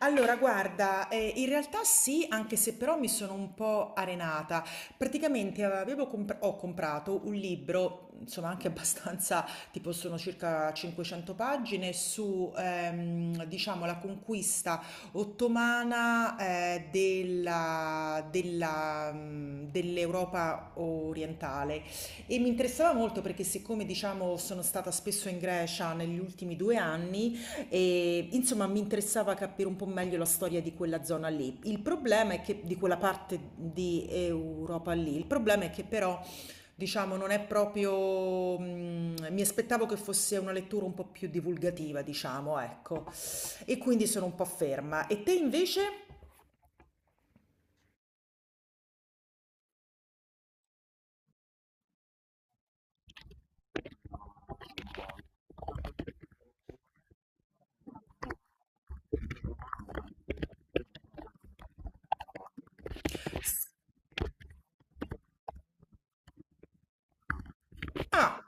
Allora, guarda, in realtà sì, anche se però mi sono un po' arenata. Praticamente ho comprato un libro, insomma anche abbastanza, tipo sono circa 500 pagine, su, diciamo, la conquista ottomana, della, dell'Europa orientale. E mi interessava molto perché siccome, diciamo, sono stata spesso in Grecia negli ultimi 2 anni, e, insomma, mi interessava capire un po' meglio la storia di quella zona lì. Il problema è che di quella parte di Europa lì, il problema è che però, diciamo, non è proprio, mi aspettavo che fosse una lettura un po' più divulgativa, diciamo, ecco. E quindi sono un po' ferma. E te invece? Ah,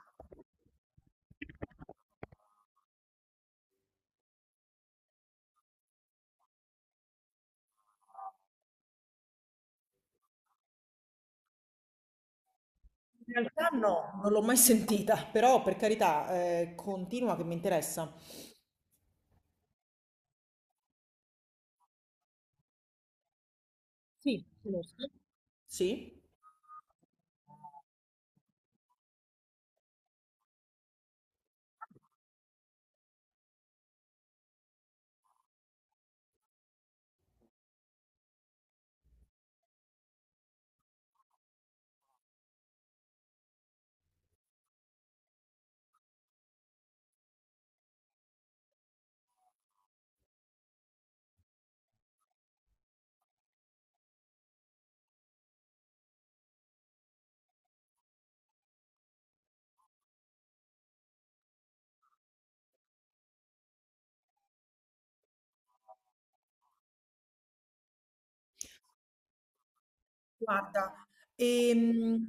in realtà no, non l'ho mai sentita, però per carità, continua che mi interessa. Sì, conosco. Sì? Guarda, ehm,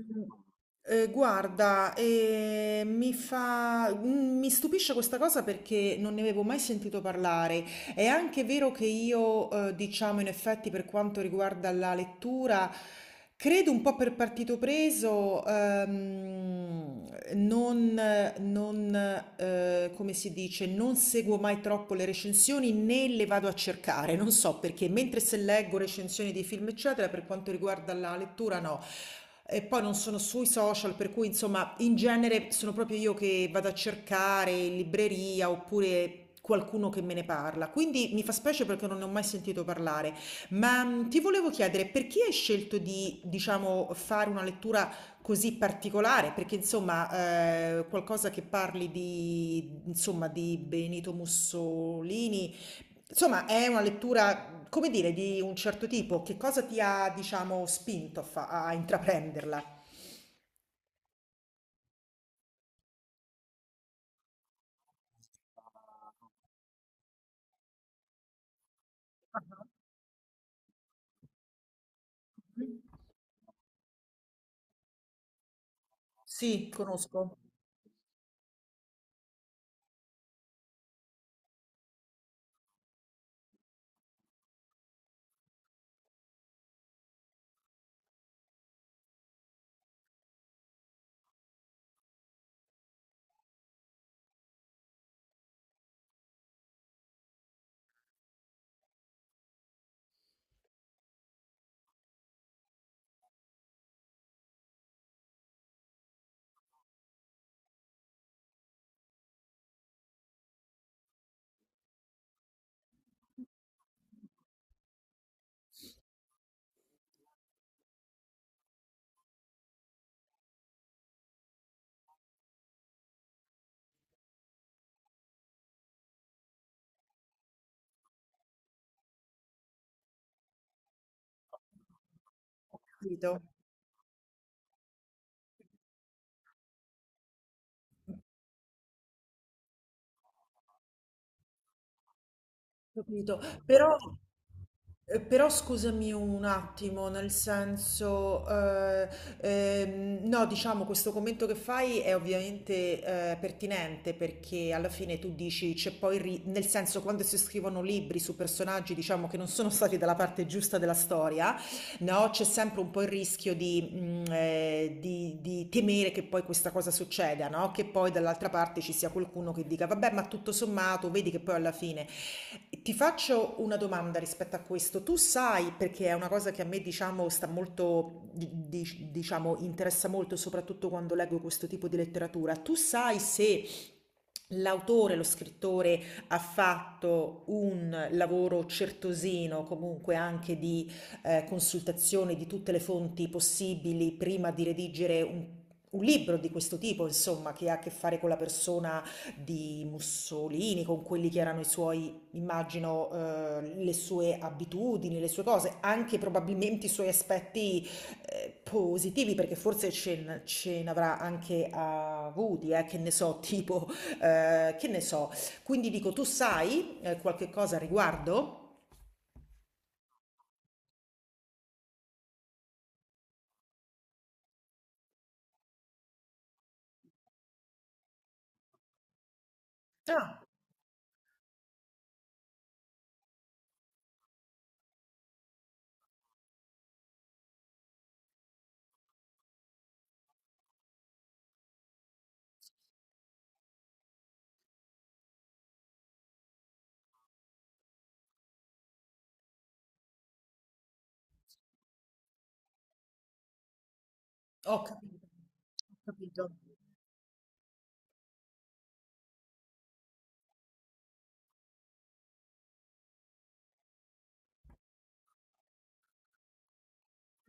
guarda, mi fa, mi stupisce questa cosa perché non ne avevo mai sentito parlare. È anche vero che io, diciamo, in effetti, per quanto riguarda la lettura, credo un po' per partito preso, non, non, come si dice, non seguo mai troppo le recensioni né le vado a cercare, non so perché, mentre se leggo recensioni di film, eccetera, per quanto riguarda la lettura, no. E poi non sono sui social, per cui insomma, in genere sono proprio io che vado a cercare in libreria oppure qualcuno che me ne parla. Quindi mi fa specie perché non ne ho mai sentito parlare. Ma ti volevo chiedere perché hai scelto di, diciamo, fare una lettura così particolare? Perché insomma, qualcosa che parli di, insomma, di Benito Mussolini. Insomma, è una lettura come dire, di un certo tipo, che cosa ti ha, diciamo, spinto a, a intraprenderla? Mh. Sì, conosco. Ho capito. Però però scusami un attimo, nel senso, no, diciamo questo commento che fai è ovviamente, pertinente perché alla fine tu dici c'è poi il ri nel senso quando si scrivono libri su personaggi, diciamo, che non sono stati dalla parte giusta della storia no? C'è sempre un po' il rischio di, di temere che poi questa cosa succeda, no, che poi dall'altra parte ci sia qualcuno che dica: "Vabbè, ma tutto sommato vedi che poi alla fine". Ti faccio una domanda rispetto a questo: tu sai, perché è una cosa che a me diciamo sta molto di dic diciamo interessa molto, soprattutto quando leggo questo tipo di letteratura, tu sai se l'autore, lo scrittore ha fatto un lavoro certosino, comunque anche di consultazione di tutte le fonti possibili prima di redigere un libro di questo tipo, insomma, che ha a che fare con la persona di Mussolini, con quelli che erano i suoi, immagino, le sue abitudini, le sue cose, anche probabilmente i suoi aspetti positivi, perché forse ce ne avrà anche avuti, che ne so, tipo, che ne so. Quindi dico, tu sai qualche cosa a riguardo? Ah. Ho capito, ho capito.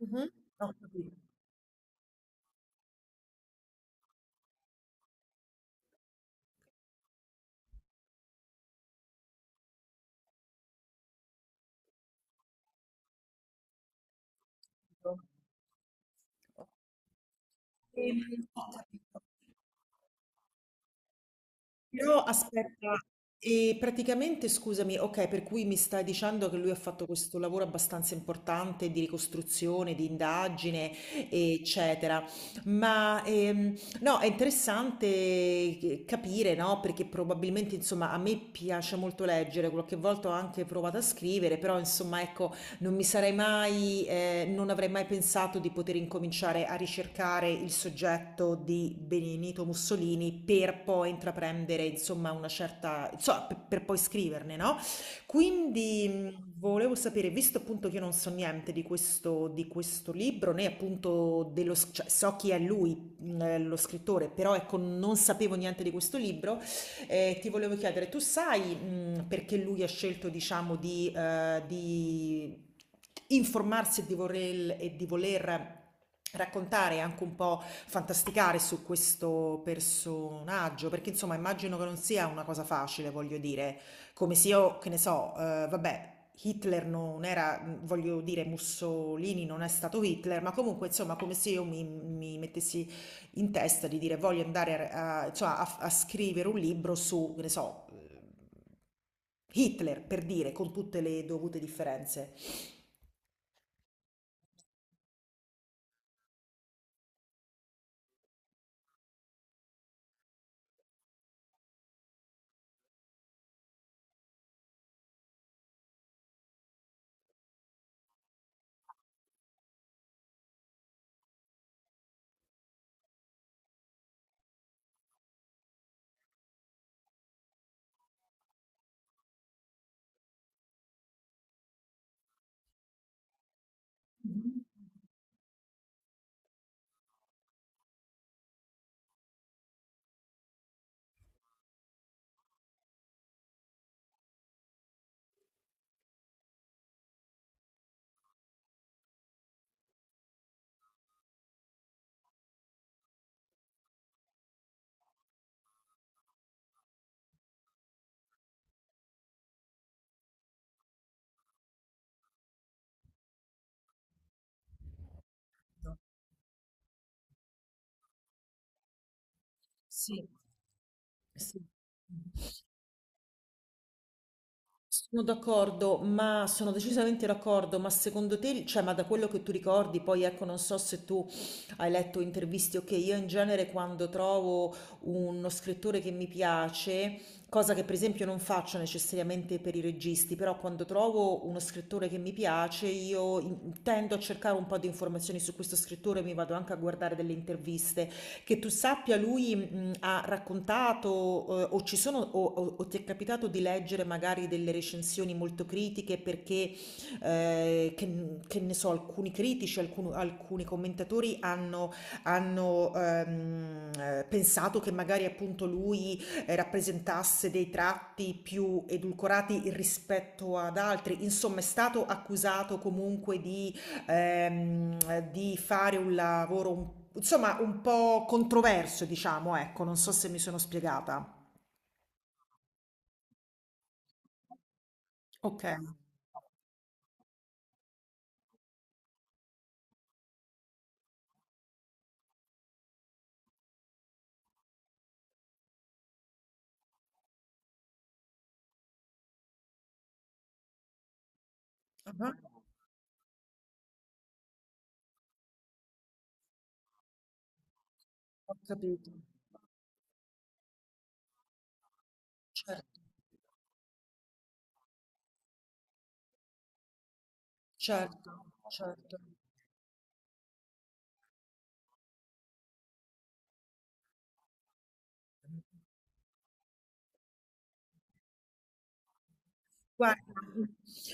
Mh-mh. Ho capito. Ho capito. Però aspetta, e praticamente scusami, okay, per cui mi stai dicendo che lui ha fatto questo lavoro abbastanza importante di ricostruzione, di indagine, eccetera. Ma, no, è interessante che capire, no, perché probabilmente, insomma, a me piace molto leggere, qualche volta ho anche provato a scrivere, però insomma, ecco, non mi sarei mai, non avrei mai pensato di poter incominciare a ricercare il soggetto di Benito Mussolini per poi intraprendere, insomma, una certa, insomma, per poi scriverne, no? Quindi volevo sapere, visto appunto che io non so niente di questo, di questo libro, né appunto dello, cioè, so chi è lui, lo scrittore, però ecco, non sapevo niente di questo libro. Ti volevo chiedere, tu sai, perché lui ha scelto, diciamo, di informarsi e di e di voler raccontare e anche un po' fantasticare su questo personaggio, perché insomma immagino che non sia una cosa facile, voglio dire, come se io, che ne so, vabbè, Hitler non era, voglio dire, Mussolini non è stato Hitler, ma comunque insomma come se io mi mettessi in testa di dire voglio andare a, cioè, a scrivere un libro su, che ne so, Hitler, per dire, con tutte le dovute differenze. Sì, sì. Sono d'accordo, ma sono decisamente d'accordo, ma secondo te, cioè, ma da quello che tu ricordi, poi ecco, non so se tu hai letto interviste, ok, io in genere quando trovo uno scrittore che mi piace, cosa che per esempio non faccio necessariamente per i registi, però quando trovo uno scrittore che mi piace, io tendo a cercare un po' di informazioni su questo scrittore, mi vado anche a guardare delle interviste. Che tu sappia lui, ha raccontato, o ci sono o ti è capitato di leggere magari delle recensioni molto critiche perché, che ne so, alcuni critici, alcunu alcuni commentatori pensato che magari appunto lui, rappresentasse dei tratti più edulcorati rispetto ad altri. Insomma, è stato accusato comunque di fare un lavoro, insomma, un po' controverso, diciamo, ecco, non so se mi sono spiegata. Ok. Ah, ho capito. Certo, certo, certo. Guarda,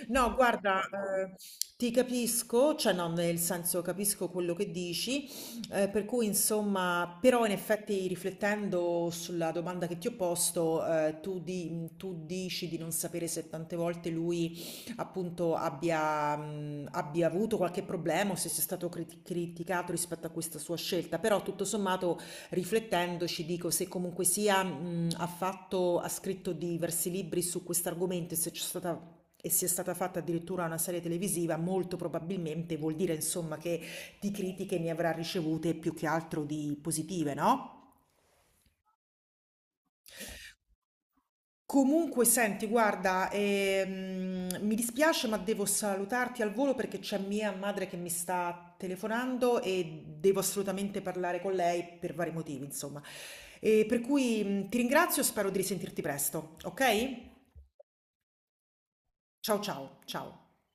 no, guarda, ti capisco, cioè no, nel senso capisco quello che dici, per cui insomma, però in effetti riflettendo sulla domanda che ti ho posto, tu, tu dici di non sapere se tante volte lui appunto abbia, abbia avuto qualche problema o se sia stato criticato rispetto a questa sua scelta, però tutto sommato riflettendoci dico se comunque sia ha fatto, ha scritto diversi libri su questo argomento e se c'è stata e sia stata fatta addirittura una serie televisiva, molto probabilmente vuol dire insomma che di critiche ne avrà ricevute più che altro di positive, no? Comunque senti guarda, mi dispiace ma devo salutarti al volo perché c'è mia madre che mi sta telefonando e devo assolutamente parlare con lei per vari motivi insomma. E per cui, ti ringrazio, e spero di risentirti presto, ok? Ciao ciao, ciao.